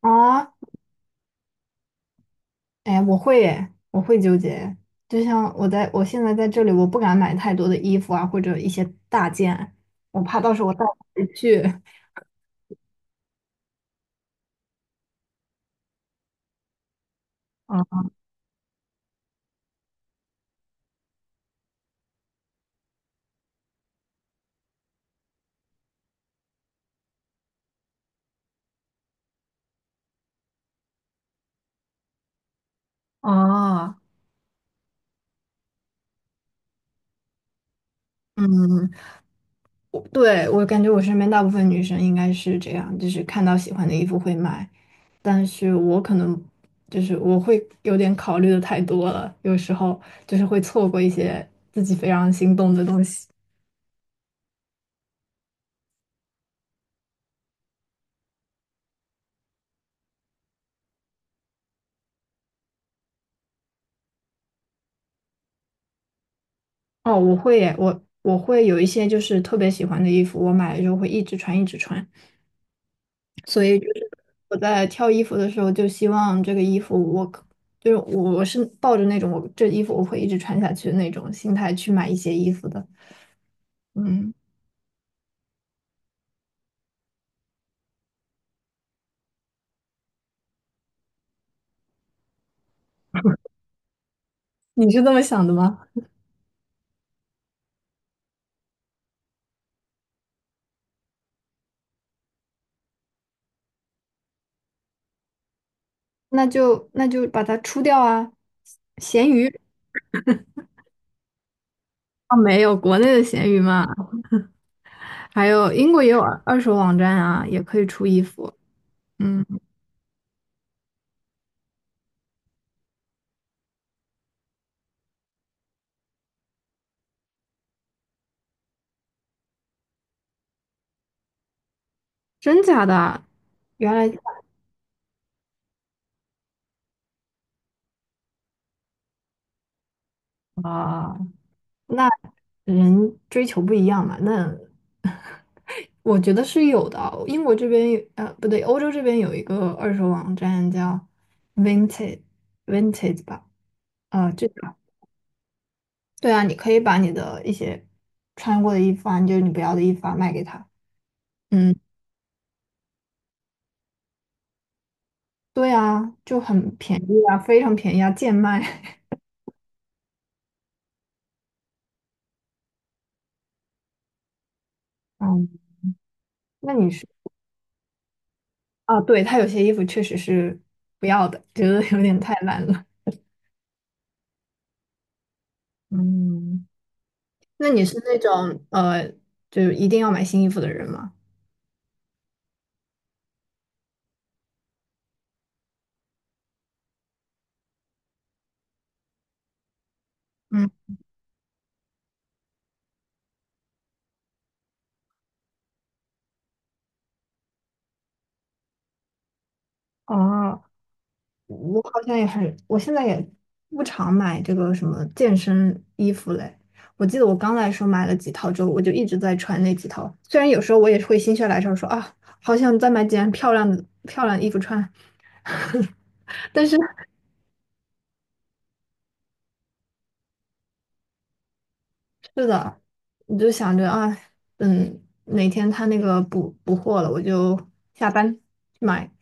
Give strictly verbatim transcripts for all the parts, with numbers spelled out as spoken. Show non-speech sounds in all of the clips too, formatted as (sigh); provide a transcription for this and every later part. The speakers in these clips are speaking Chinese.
啊，哎，我会耶，我会纠结。就像我在我现在在这里，我不敢买太多的衣服啊，或者一些大件，我怕到时候我带不回去。啊啊，嗯，我对，我感觉我身边大部分女生应该是这样，就是看到喜欢的衣服会买，但是我可能就是我会有点考虑的太多了，有时候就是会错过一些自己非常心动的东西。哦，我会耶，我我会有一些就是特别喜欢的衣服，我买了之后会一直穿，一直穿。所以就是我在挑衣服的时候，就希望这个衣服我可就是我我是抱着那种我这衣服我会一直穿下去的那种心态去买一些衣服的。嗯，你是这么想的吗？那就那就把它出掉啊，闲鱼啊，没有国内的闲鱼嘛，还有英国也有二二手网站啊，也可以出衣服。嗯，真假的啊？原来。啊，那人追求不一样嘛，那 (laughs) 我觉得是有的啊英国这边有呃，不对，欧洲这边有一个二手网站叫 v i n t a g e v i n t a g e 吧，呃，这个对啊，你可以把你的一些穿过的衣服啊，就是你不要的衣服啊，卖给他。嗯，对啊，就很便宜啊，非常便宜啊，贱卖。(laughs) 嗯，那你是啊？对，他有些衣服确实是不要的，觉得有点太烂了。嗯。那你是那种呃，就一定要买新衣服的人吗？嗯，哦，我好像也很，我现在也不常买这个什么健身衣服嘞。我记得我刚来的时候买了几套之后，我就一直在穿那几套。虽然有时候我也会心血来潮说啊，好想再买几件漂亮的漂亮的衣服穿，但是是的，你就想着啊，嗯，哪天他那个补补货了，我就下单去买。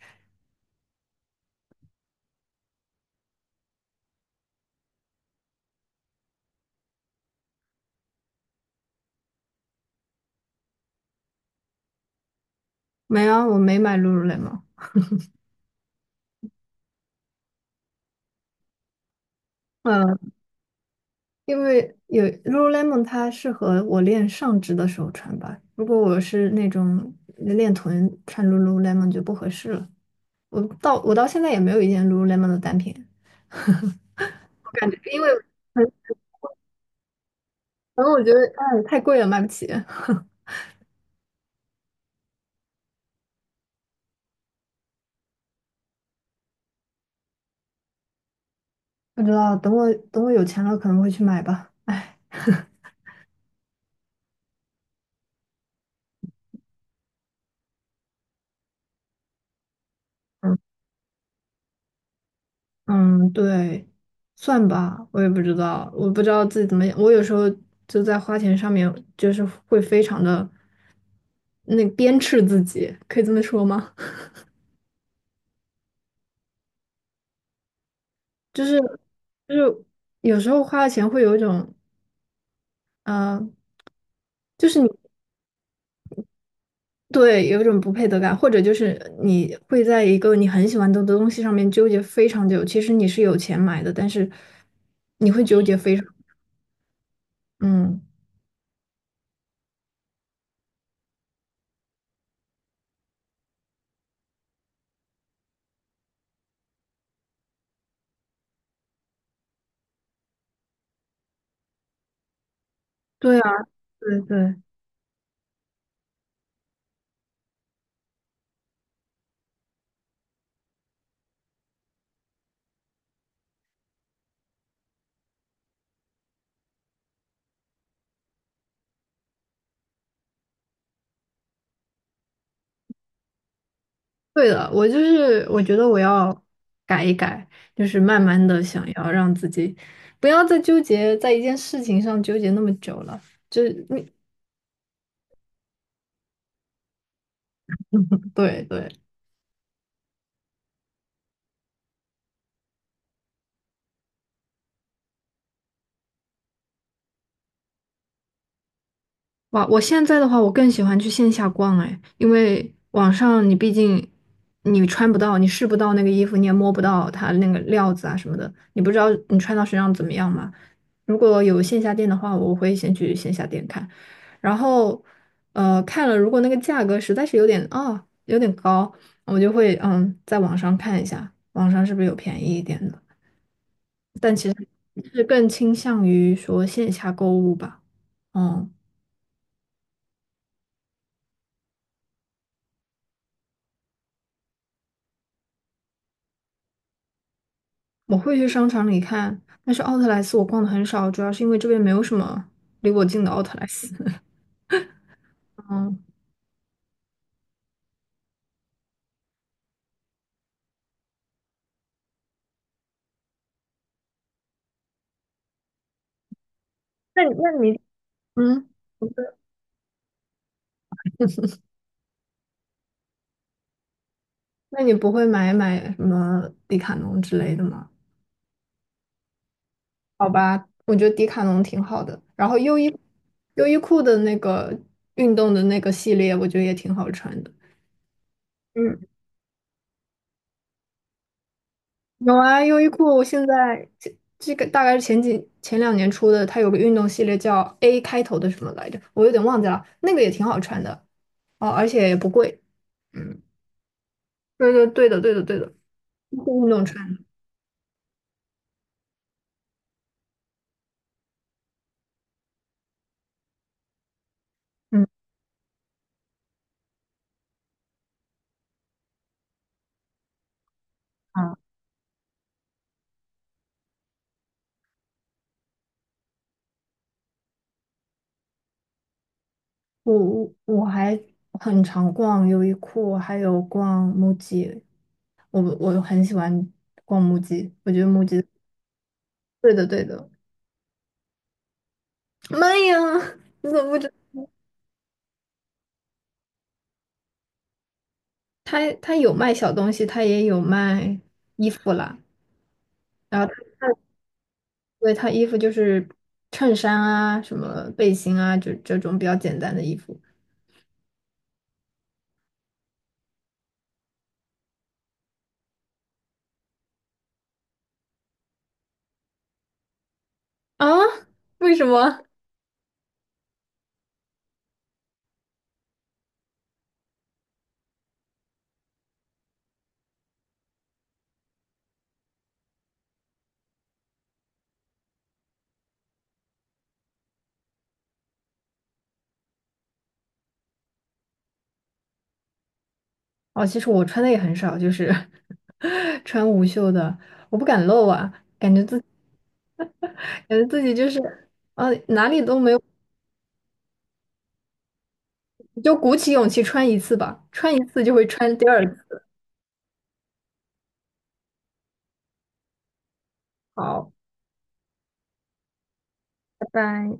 没啊，我没买 Lululemon。嗯因为有 Lululemon，它适合我练上肢的时候穿吧。如果我是那种练臀，穿 Lululemon 就不合适了。我到我到现在也没有一件 Lululemon 的单品，我感觉因为可能我觉得哎太贵了，买不起。不知道，等我等我有钱了可能会去买吧。哎，嗯嗯，对，算吧，我也不知道，我不知道自己怎么，我有时候就在花钱上面就是会非常的那鞭笞自己，可以这么说吗？就是就是有时候花了钱会有一种，嗯，就是你对有一种不配得感，或者就是你会在一个你很喜欢的东西上面纠结非常久。其实你是有钱买的，但是你会纠结非常，嗯，对啊，对对对的，我就是我觉得我要改一改，就是慢慢的想要让自己不要再纠结在一件事情上纠结那么久了。就你对对。哇，我现在的话，我更喜欢去线下逛哎，因为网上你毕竟你穿不到，你试不到那个衣服，你也摸不到它那个料子啊什么的，你不知道你穿到身上怎么样嘛。如果有线下店的话，我会先去线下店看，然后呃看了，如果那个价格实在是有点啊有点高，我就会嗯在网上看一下，网上是不是有便宜一点的，是更倾向于说线下购物吧，嗯。我会去商场里看，但是奥特莱斯我逛的很少，主要是因为这边没有什么离我近的奥特莱斯。(laughs) 嗯，那你那你嗯，不是那你不会买买什么迪卡侬之类的吗？好吧，我觉得迪卡侬挺好的，然后优衣优衣库的那个运动的那个系列，我觉得也挺好穿的。嗯。有啊，优衣库我现在这这个大概是前几前两年出的，它有个运动系列叫 A 开头的什么来着，我有点忘记了，那个也挺好穿的哦，而且也不贵。嗯，对对对的对的对的，就是运动穿的嗯啊，我我我还很常逛优衣库，还有逛木 u 我我很喜欢逛木 u 我觉得木 u 对的对的。妈呀，你怎么不知？它它有卖小东西，它也有卖衣服啦。然后他对他衣服就是衬衫啊、什么背心啊，就这种比较简单的衣服。啊？为什么？哦，其实我穿的也很少，就是 (laughs) 穿无袖的，我不敢露啊，感觉自感觉自己就是，呃，哪里都没有，就鼓起勇气穿一次吧，穿一次就会穿第二次。好，拜拜。